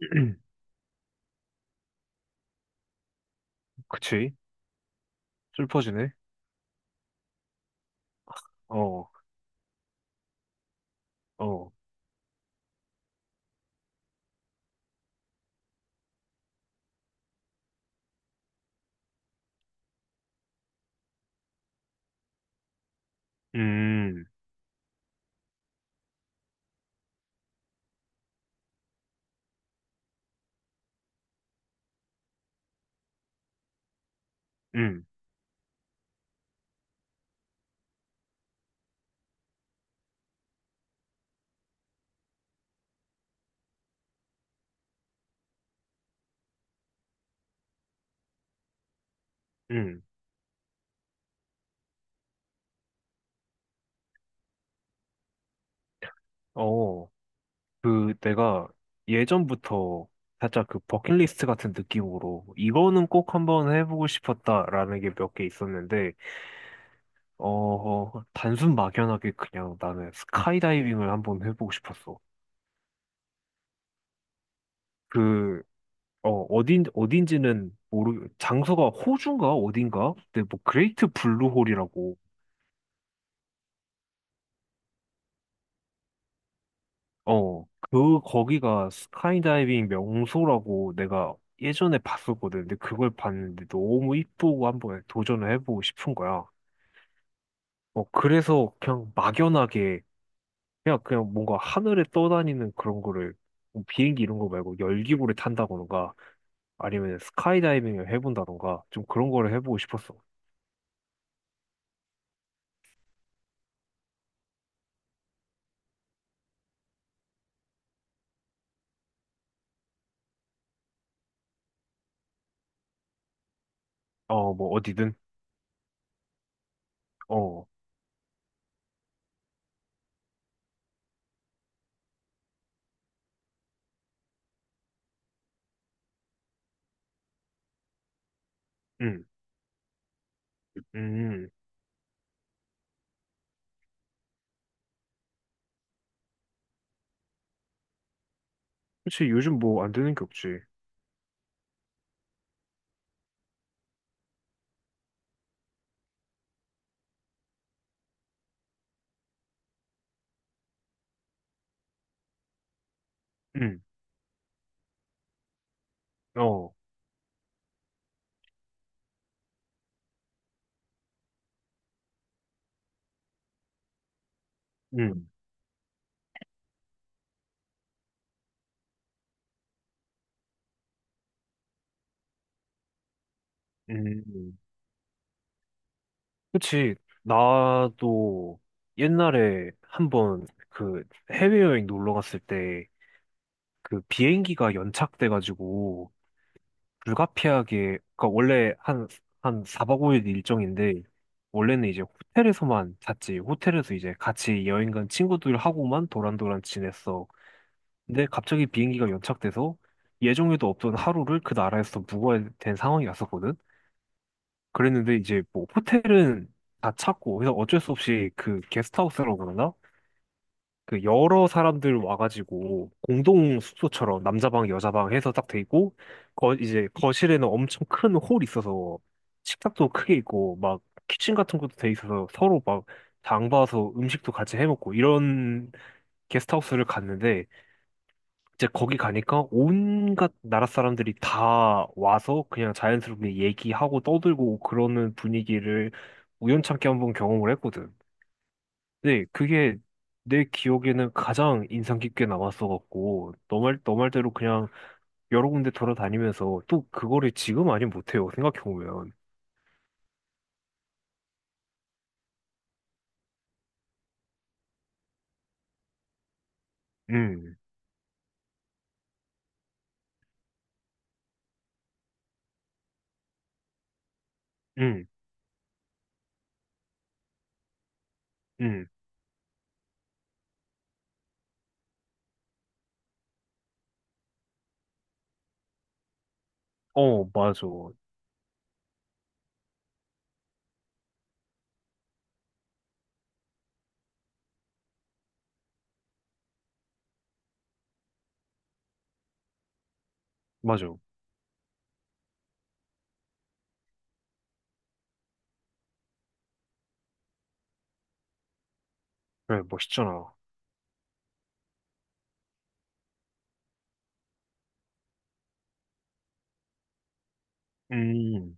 그치? 슬퍼지네? 어, 어, 음, 음, 음, 어, 내가 예전부터 살짝 그 버킷리스트 같은 느낌으로 이거는 꼭 한번 해보고 싶었다라는 게 몇 개 있었는데, 단순 막연하게 그냥 나는 스카이다이빙을 한번 해보고 싶었어. 그, 장소가 호주인가? 어딘가? 근데 뭐, 그레이트 블루홀이라고 거기가 스카이다이빙 명소라고 내가 예전에 봤었거든. 근데 그걸 봤는데 너무 이쁘고 한번 도전을 해보고 싶은 거야. 어, 그래서 그냥 막연하게, 그냥 뭔가 하늘에 떠다니는 그런 거를, 뭐 비행기 이런 거 말고 열기구를 탄다던가, 아니면 스카이다이빙을 해본다던가, 좀 그런 거를 해보고 싶었어. 어, 뭐, 어디든. 어, 응, 음, 음. 그치, 요즘 뭐 안 되는 게 없지. 음, 어, 음, 음. 그치. 나도 옛날에 한번 해외여행 놀러 갔을 때 그 비행기가 연착돼가지고 불가피하게, 그니까 원래 한 4박 5일 일정인데 원래는 이제 호텔에서만 잤지. 호텔에서 이제 같이 여행 간 친구들하고만 도란도란 지냈어. 근데 갑자기 비행기가 연착돼서 예정에도 없던 하루를 그 나라에서 묵어야 된 상황이 왔었거든. 그랬는데 이제 뭐 호텔은 다 찾고 그래서 어쩔 수 없이 그 게스트하우스라고 그러나? 그 여러 사람들 와가지고 공동 숙소처럼 남자 방 여자 방 해서 딱 돼 있고 거 이제 거실에는 엄청 큰 홀이 있어서 식탁도 크게 있고 막 키친 같은 것도 돼 있어서 서로 막 장 봐서 음식도 같이 해 먹고 이런 게스트하우스를 갔는데 이제 거기 가니까 온갖 나라 사람들이 다 와서 그냥 자연스럽게 얘기하고 떠들고 그러는 분위기를 우연찮게 한번 경험을 했거든. 근데 그게 내 기억에는 가장 인상 깊게 남았어갖고, 너 말대로 그냥 여러 군데 돌아다니면서 또 그거를 지금 아니 못해요. 생각해보면. 음, 음, 음. 어, 맞아. 맞아. 그래, 멋있잖아. 음,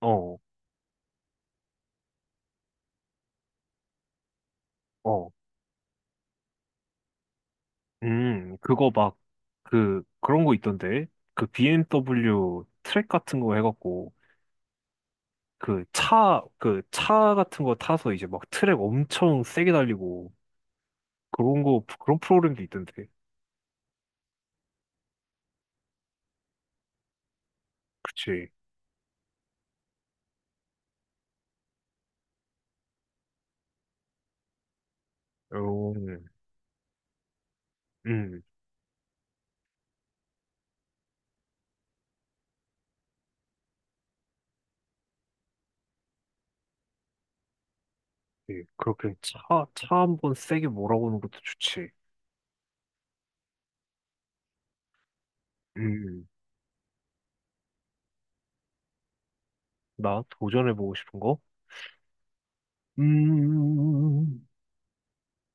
어, 어. 음, 그거 막, 그런 거 있던데? 그 BMW 트랙 같은 거 해갖고, 그 차 같은 거 타서 이제 막 트랙 엄청 세게 달리고, 그런 프로그램도 있던데. 그치. 어, 음, 예, 차 한번 세게 몰아보는 것도 좋지. 음, 나 도전해보고 싶은 거? 음,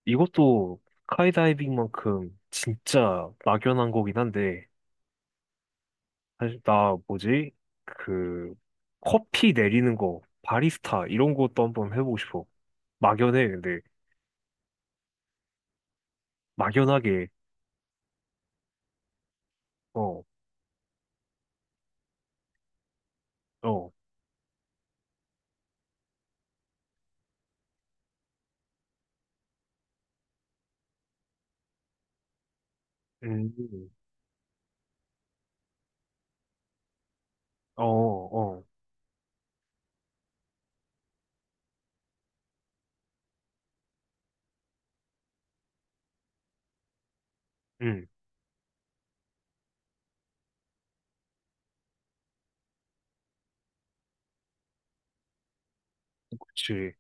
이것도 스카이다이빙만큼 진짜 막연한 거긴 한데, 사실 나 뭐지? 그 커피 내리는 거, 바리스타 이런 것도 한번 해보고 싶어. 막연해, 근데 막연하게 어, 어, 음, 어, 어, 음, 그치,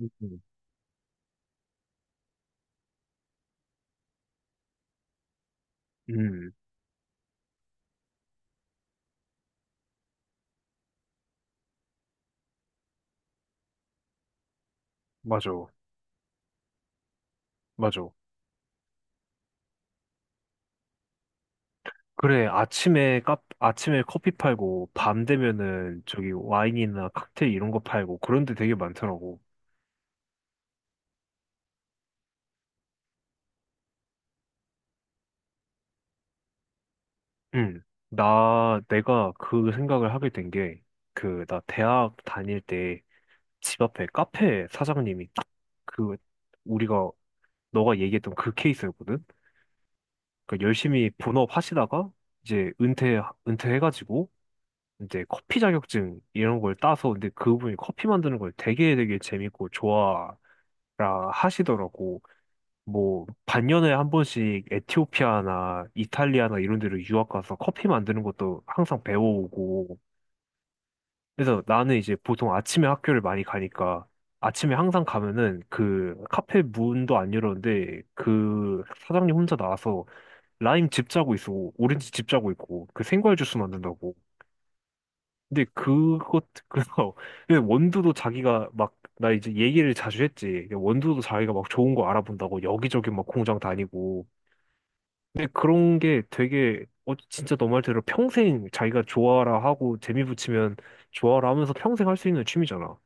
음, 음, 음, 맞아, 맞아. 그래, 아침에 커피 팔고 밤 되면은 저기 와인이나 칵테일 이런 거 팔고 그런 데 되게 많더라고. 응. 나 내가 그 생각을 하게 된 게 그 나 대학 다닐 때 집 앞에 카페 사장님이 딱 그 우리가 너가 얘기했던 그 케이스였거든. 그러니까 열심히 본업 하시다가 이제 은퇴해가지고 이제 커피 자격증 이런 걸 따서 근데 그분이 커피 만드는 걸 되게 되게 재밌고 좋아라 하시더라고. 뭐 반년에 한 번씩 에티오피아나 이탈리아나 이런 데로 유학 가서 커피 만드는 것도 항상 배워오고 그래서 나는 이제 보통 아침에 학교를 많이 가니까 아침에 항상 가면은 그 카페 문도 안 열었는데 그 사장님 혼자 나와서 라임 즙 짜고 있어. 오렌지 즙 짜고 있고 그 생과일 주스 만든다고. 근데 그것 그래서 근데 원두도 자기가 막 나 이제 얘기를 자주 했지. 근데 원두도 자기가 막 좋은 거 알아본다고 여기저기 막 공장 다니고. 근데 그런 게 되게 어 진짜 너 말대로 평생 자기가 좋아라 하고 재미 붙이면 좋아라 하면서 평생 할 수 있는 취미잖아.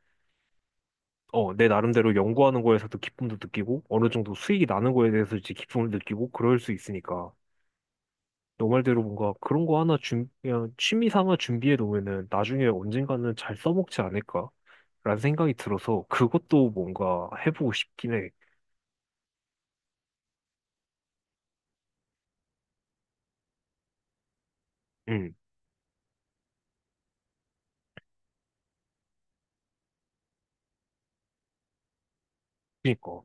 어, 내 나름대로 연구하는 거에서도 기쁨도 느끼고, 어느 정도 수익이 나는 거에 대해서 이제 기쁨을 느끼고, 그럴 수 있으니까. 너 말대로 뭔가 그런 거 하나 준, 그냥 취미 삼아 준비해 놓으면은 나중에 언젠가는 잘 써먹지 않을까? 라는 생각이 들어서 그것도 뭔가 해보고 싶긴 해. 응, 그니까.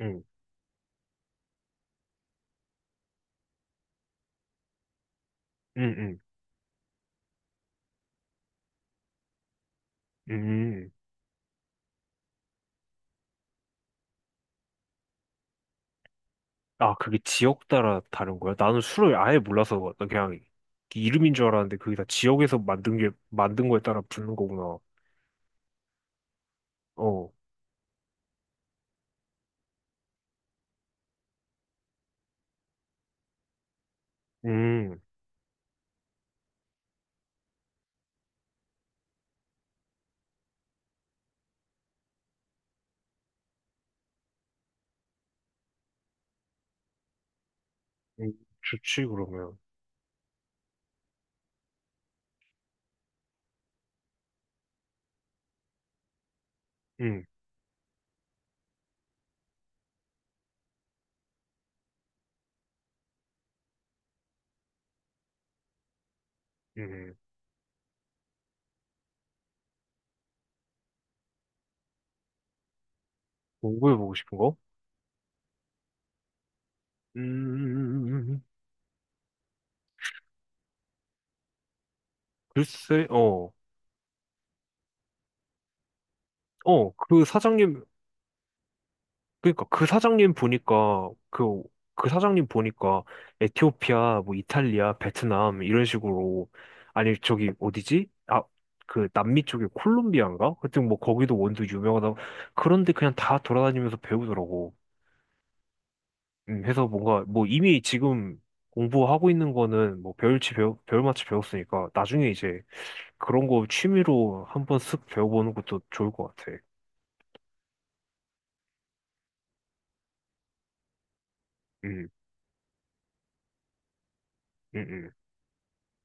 응, 응, 응, 응. 아, 그게 지역 따라 다른 거야? 나는 술을 아예 몰라서 그냥 이름인 줄 알았는데 그게 다 만든 거에 따라 붙는 거구나. 어, 음. 음, 좋지, 그러면. 응, 응. 공부해보고 싶은 거? 음, 글쎄, 어. 어, 그 사장님, 그니까 그 사장님 보니까, 그 사장님 보니까, 에티오피아, 뭐, 이탈리아, 베트남, 이런 식으로, 아니, 저기, 어디지? 아, 그, 남미 쪽에 콜롬비아인가? 하여튼 뭐, 거기도 원두 유명하다. 그런데 그냥 다 돌아다니면서 배우더라고. 해서 뭔가, 뭐, 이미 지금 공부하고 있는 거는, 뭐, 배울 만치 배웠으니까, 나중에 이제, 그런 거 취미로 한번 쓱 배워보는 것도 좋을 것 같아. 음, 음, 음.